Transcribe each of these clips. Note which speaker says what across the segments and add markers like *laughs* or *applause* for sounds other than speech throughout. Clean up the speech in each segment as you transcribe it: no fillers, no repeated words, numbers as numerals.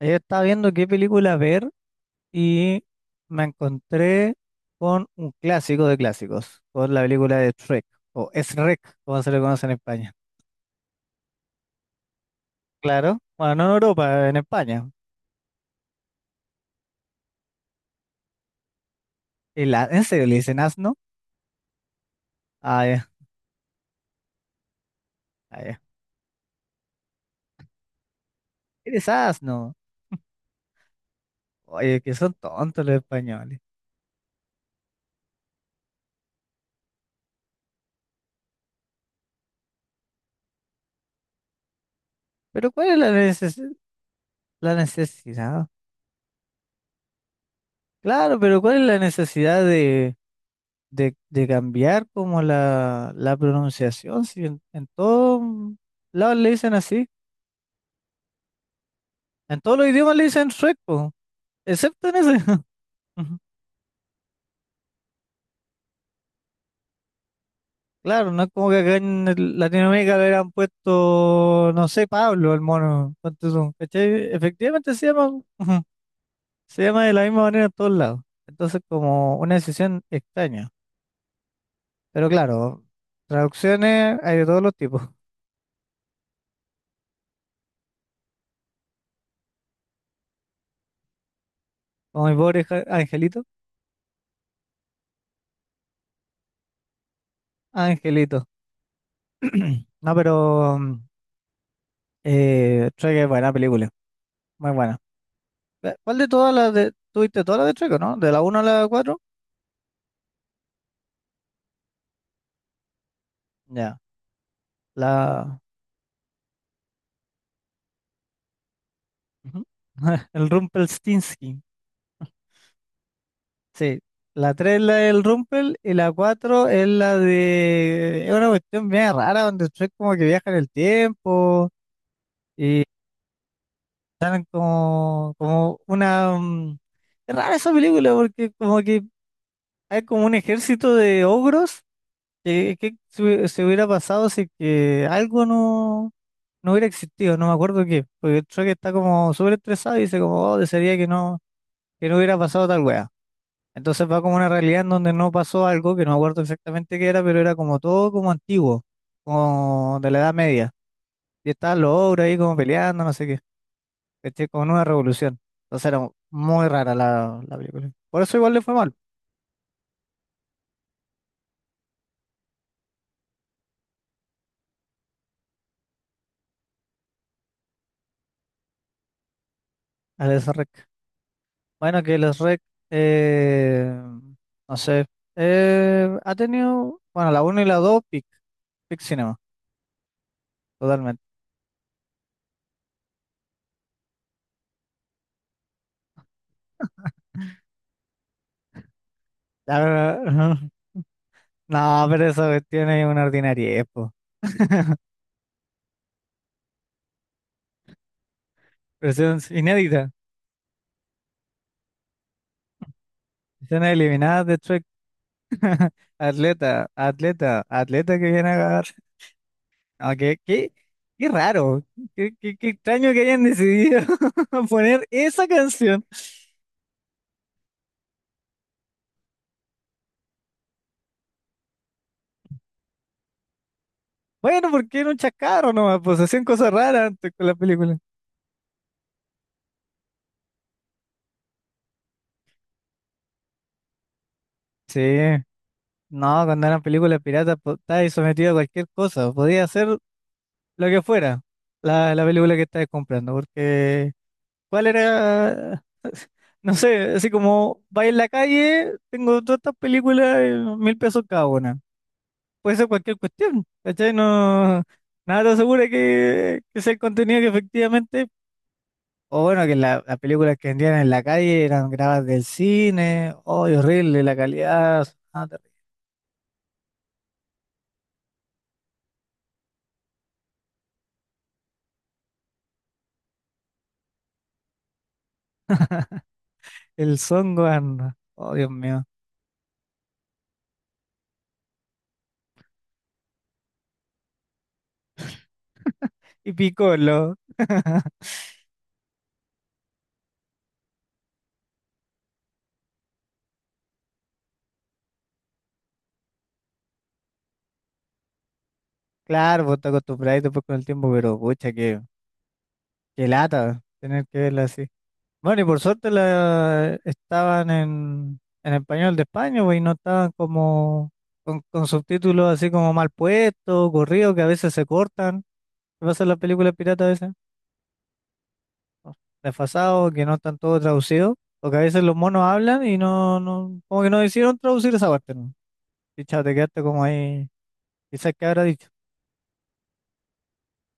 Speaker 1: Ayer estaba viendo qué película ver y me encontré con un clásico de clásicos, con la película de Shrek, o Shrek, como se le conoce en España. Claro, bueno, no en Europa, en España. ¿En serio le dicen asno? Ah, ya, ah, ya. Eres asno. Oye, que son tontos los españoles. Pero ¿cuál es la necesidad? Claro, pero ¿cuál es la necesidad de cambiar como la pronunciación. Si en todos lados le dicen así. En todos los idiomas le dicen Shrek, po, excepto en ese. *laughs* Ujú. Claro, no es como que acá en Latinoamérica le hubieran puesto, no sé, Pablo, el mono. Ponte tú, ¿cachai? Efectivamente se llama, ujú, se llama de la misma manera en todos lados. Entonces, como una decisión extraña. Pero claro, traducciones hay de todos los tipos. Como mi pobre angelito. Angelito. *clears throat* No, pero Shrek es buena película. Muy buena. ¿Cuál de todas las de... tuviste todas las de Shrek, ¿o no? De la uno a la cuatro, ya. La, Ujú. *laughs* El Rumpelstiltskin. Sí. La 3 es la del Rumpel y la 4 es la de... Es una cuestión bien rara donde Shrek como que viaja en el tiempo y salen como una... es rara esa película porque como que hay como un ejército de ogros que se hubiera pasado si que algo no hubiera existido, no me acuerdo qué, porque Shrek está como súper estresado y dice como, oh, desearía que no hubiera pasado tal wea. Entonces va como una realidad en donde no pasó algo, que no me acuerdo exactamente qué era, pero era como todo como antiguo, como de la Edad Media. Y estaban los ogros ahí como peleando, no sé qué, ¿cachai? Como en una revolución. Entonces era muy rara la película. Por eso igual le fue mal a los rec. Bueno, que los rec, eh, no sé, ha tenido, bueno, la uno y la dos pic cinema, totalmente. La verdad, *laughs* no, pero esa cuestión es una ordinariedad, po. *laughs* Versión inédita. Escena eliminada de Trek. *laughs* Atleta, atleta, atleta que viene a agarrar. Aunque, qué raro. Qué extraño que hayan decidido *laughs* poner esa canción. Bueno, porque era un chacarro nomás, pues hacían cosas raras antes con la película. Sí, no, cuando eran películas piratas, pues, estabas ahí sometido a cualquier cosa. Podía hacer lo que fuera la película que estabas comprando, porque ¿cuál era? *laughs* No sé, así como va en la calle, tengo todas estas películas, 1.000 pesos cada una. Puede ser cualquier cuestión, ¿cachai? No, nada te asegura que sea el contenido que efectivamente, o bueno, que las películas que vendían en la calle eran grabadas del cine, oh, horrible, la calidad, ah, terrible. El Songwan, oh, Dios mío, y Piccolo. *laughs* Claro, vos te acostumbráis después con el tiempo, pero pucha, qué lata tener que verla así. Bueno, y por suerte estaban en español de España, güey, y no estaban como con subtítulos así como mal puestos, corridos, que a veces se cortan. ¿Qué pasa en las películas piratas a veces? O desfasados, que no están todos traducidos, o que a veces los monos hablan y no, como que no decidieron traducir esa parte, ¿no? Y chao, te quedaste como ahí, quizás qué habrá dicho,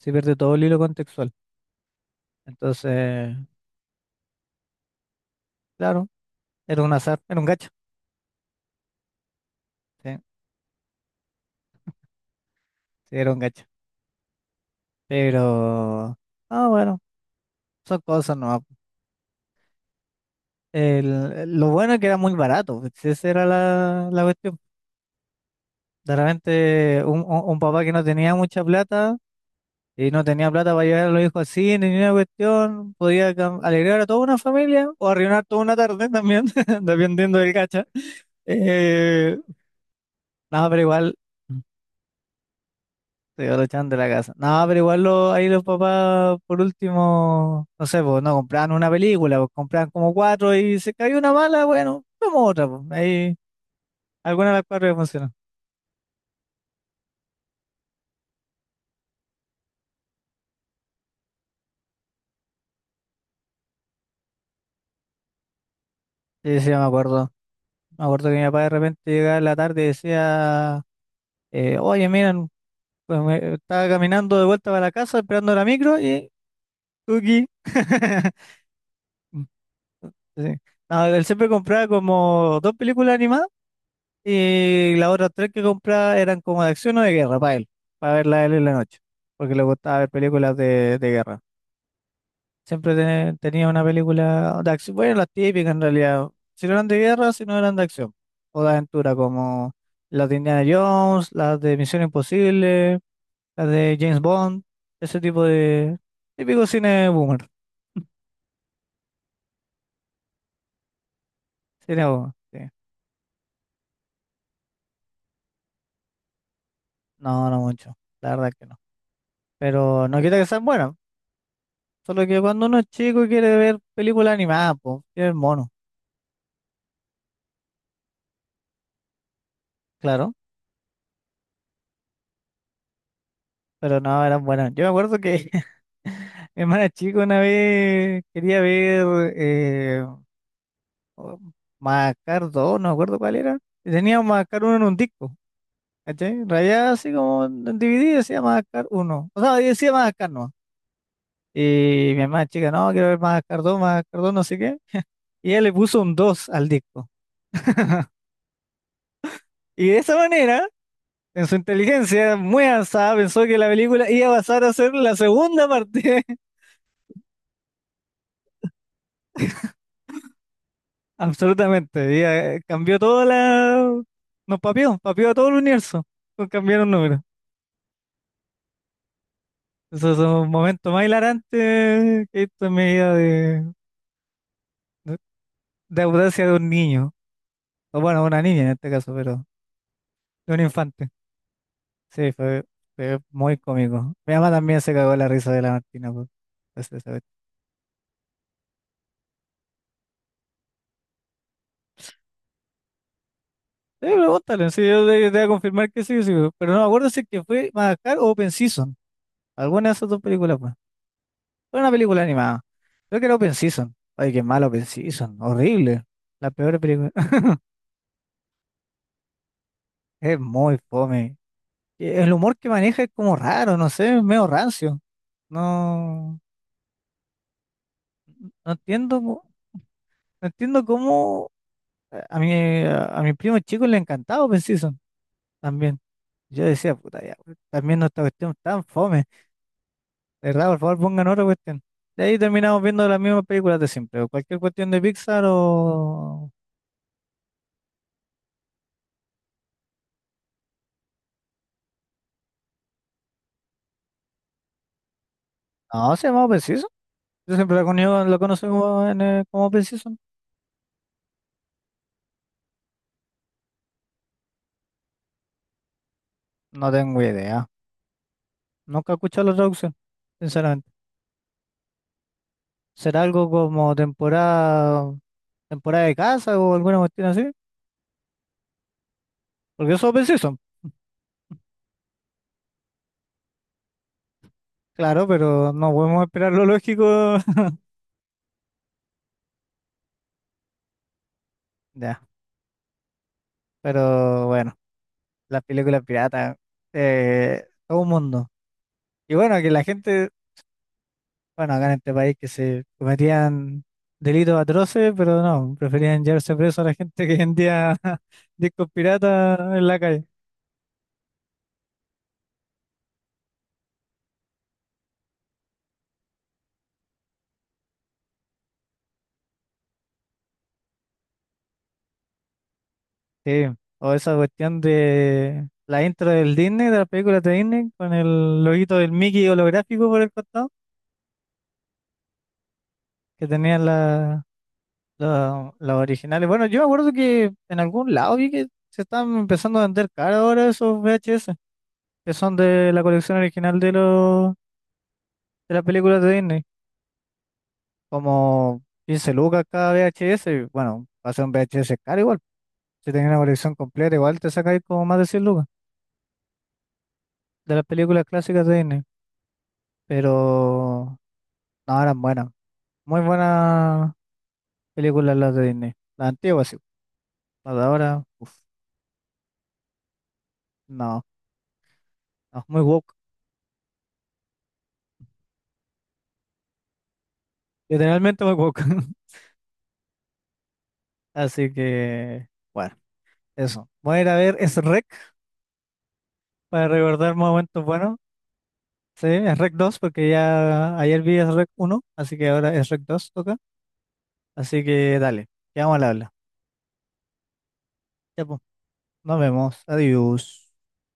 Speaker 1: se pierde todo el hilo contextual. Entonces, claro, era un azar, era un gacho, sí, sí, era un gacho. Pero... Ah, bueno, son cosas. No, el lo bueno es que era muy barato, pues, esa era la cuestión. De repente, un papá que no tenía mucha plata y no tenía plata para llevar a los hijos al cine, ni una cuestión, podía alegrar a toda una familia o arruinar toda una tarde también, *laughs* dependiendo del cacha. Eh, no, pero igual se lo echaban de la casa. No, pero igual ahí los papás, por último, no sé, pues no compraban una película, pues compraban como cuatro y se cayó una mala, bueno, vemos otra, pues. Ahí alguna de las cuatro que funcionó. Sí, sí, me acuerdo. Me acuerdo que mi papá de repente llegaba en la tarde y decía, oye, miren, pues estaba caminando de vuelta para la casa esperando la micro y Tuki. *laughs* Sí. No, él siempre compraba como dos películas animadas y las otras tres que compraba eran como de acción o de guerra para él, para verla él en la noche, porque le gustaba ver películas de guerra. Siempre tenía una película de acción. Bueno, las típicas en realidad. Si no eran de guerra, si no eran de acción. O de aventura, como las de Indiana Jones, las de Misión Imposible, las de James Bond. Ese tipo de típico cine boomer. *laughs* Cine boomer, sí. No, no mucho. La verdad que no. Pero no quita que sean buenas. Solo que cuando uno es chico y quiere ver películas animadas, pues, quiere ver mono. Claro. Pero no, eran buenas. Yo me acuerdo que *laughs* mi hermana chica una vez quería ver o- Macar dos, no me acuerdo cuál era. Y tenía Macar uno en un disco, ¿cachai? Rayada así como en DVD decía Macar uno. O sea, decía Macar no. Y mi hermana chica, no, quiero ver Macar dos, Macar 2 no sé qué. *laughs* Y ella le puso un 2 al disco. *laughs* Y de esa manera, en su inteligencia muy avanzada, pensó que la película iba a pasar a ser la segunda parte. *laughs* Absolutamente. Y, cambió toda la... Nos papió, papió a todo el universo con cambiar un número. Esos son los momentos más hilarantes que he visto en mi vida de, de, de audacia de un niño. O bueno, una niña en este caso, pero de un infante. Sí, fue muy cómico. Mi mamá también se cagó la risa de la Martina. Pues, esa vez. Sí, pregúntale, sí, yo te voy a confirmar que sí, sí, pero no me acuerdo si es que fue Madagascar o Open Season. Alguna de esas dos películas, pues. Fue una película animada. Creo que era Open Season. Ay, qué malo Open Season. Horrible. La peor película. *laughs* Es muy fome. El humor que maneja es como raro, no sé, es medio rancio. No, no entiendo, no entiendo cómo eh, a mi, a mi primo chico le encantaba Open Season también. Yo decía, puta ya, weón, también no esta cuestión tan fome. De verdad, por favor, pongan otra cuestión. De ahí terminamos viendo las mismas películas de siempre. O cualquier cuestión de Pixar o... No, se llama Open Season. Yo siempre conozco la conocí como, como Open Season. No tengo idea. Nunca he escuchado la traducción, sinceramente. ¿Será algo como temporada, de casa o alguna cuestión así? Porque eso pensé son, claro, pero no podemos esperar lo lógico. *laughs* Ya, pero bueno, las películas piratas, todo un mundo. Y bueno, que la gente, bueno, acá en este país que se cometían delitos atroces, pero no, preferían llevarse preso a la gente que vendía *laughs* discos piratas en la calle. Sí, o esa cuestión de la intro del Disney, de las películas de Disney, con el loguito del Mickey holográfico por el costado, que tenían las originales. Bueno, yo me acuerdo que en algún lado vi que se están empezando a vender cara ahora esos VHS, que son de la colección original de los de las películas de Disney, como 15 lucas cada VHS, y bueno, va a ser un VHS caro igual. Si tenés una colección completa, igual te sacáis como más de 100 lucas de las películas clásicas de Disney. Pero no, eran buenas. Muy buenas películas las de Disney. Las antiguas, sí. Las de ahora, uf, no. No, muy woke. Literalmente muy woke. *laughs* Así que, bueno, eso. Voy a ir a ver Shrek para recordar momentos buenos. Sí, Shrek 2 porque ya ayer vi Shrek uno, así que ahora Shrek 2, toca. Así que dale, quedamos al habla. Ya, pues, nos vemos. Adiós.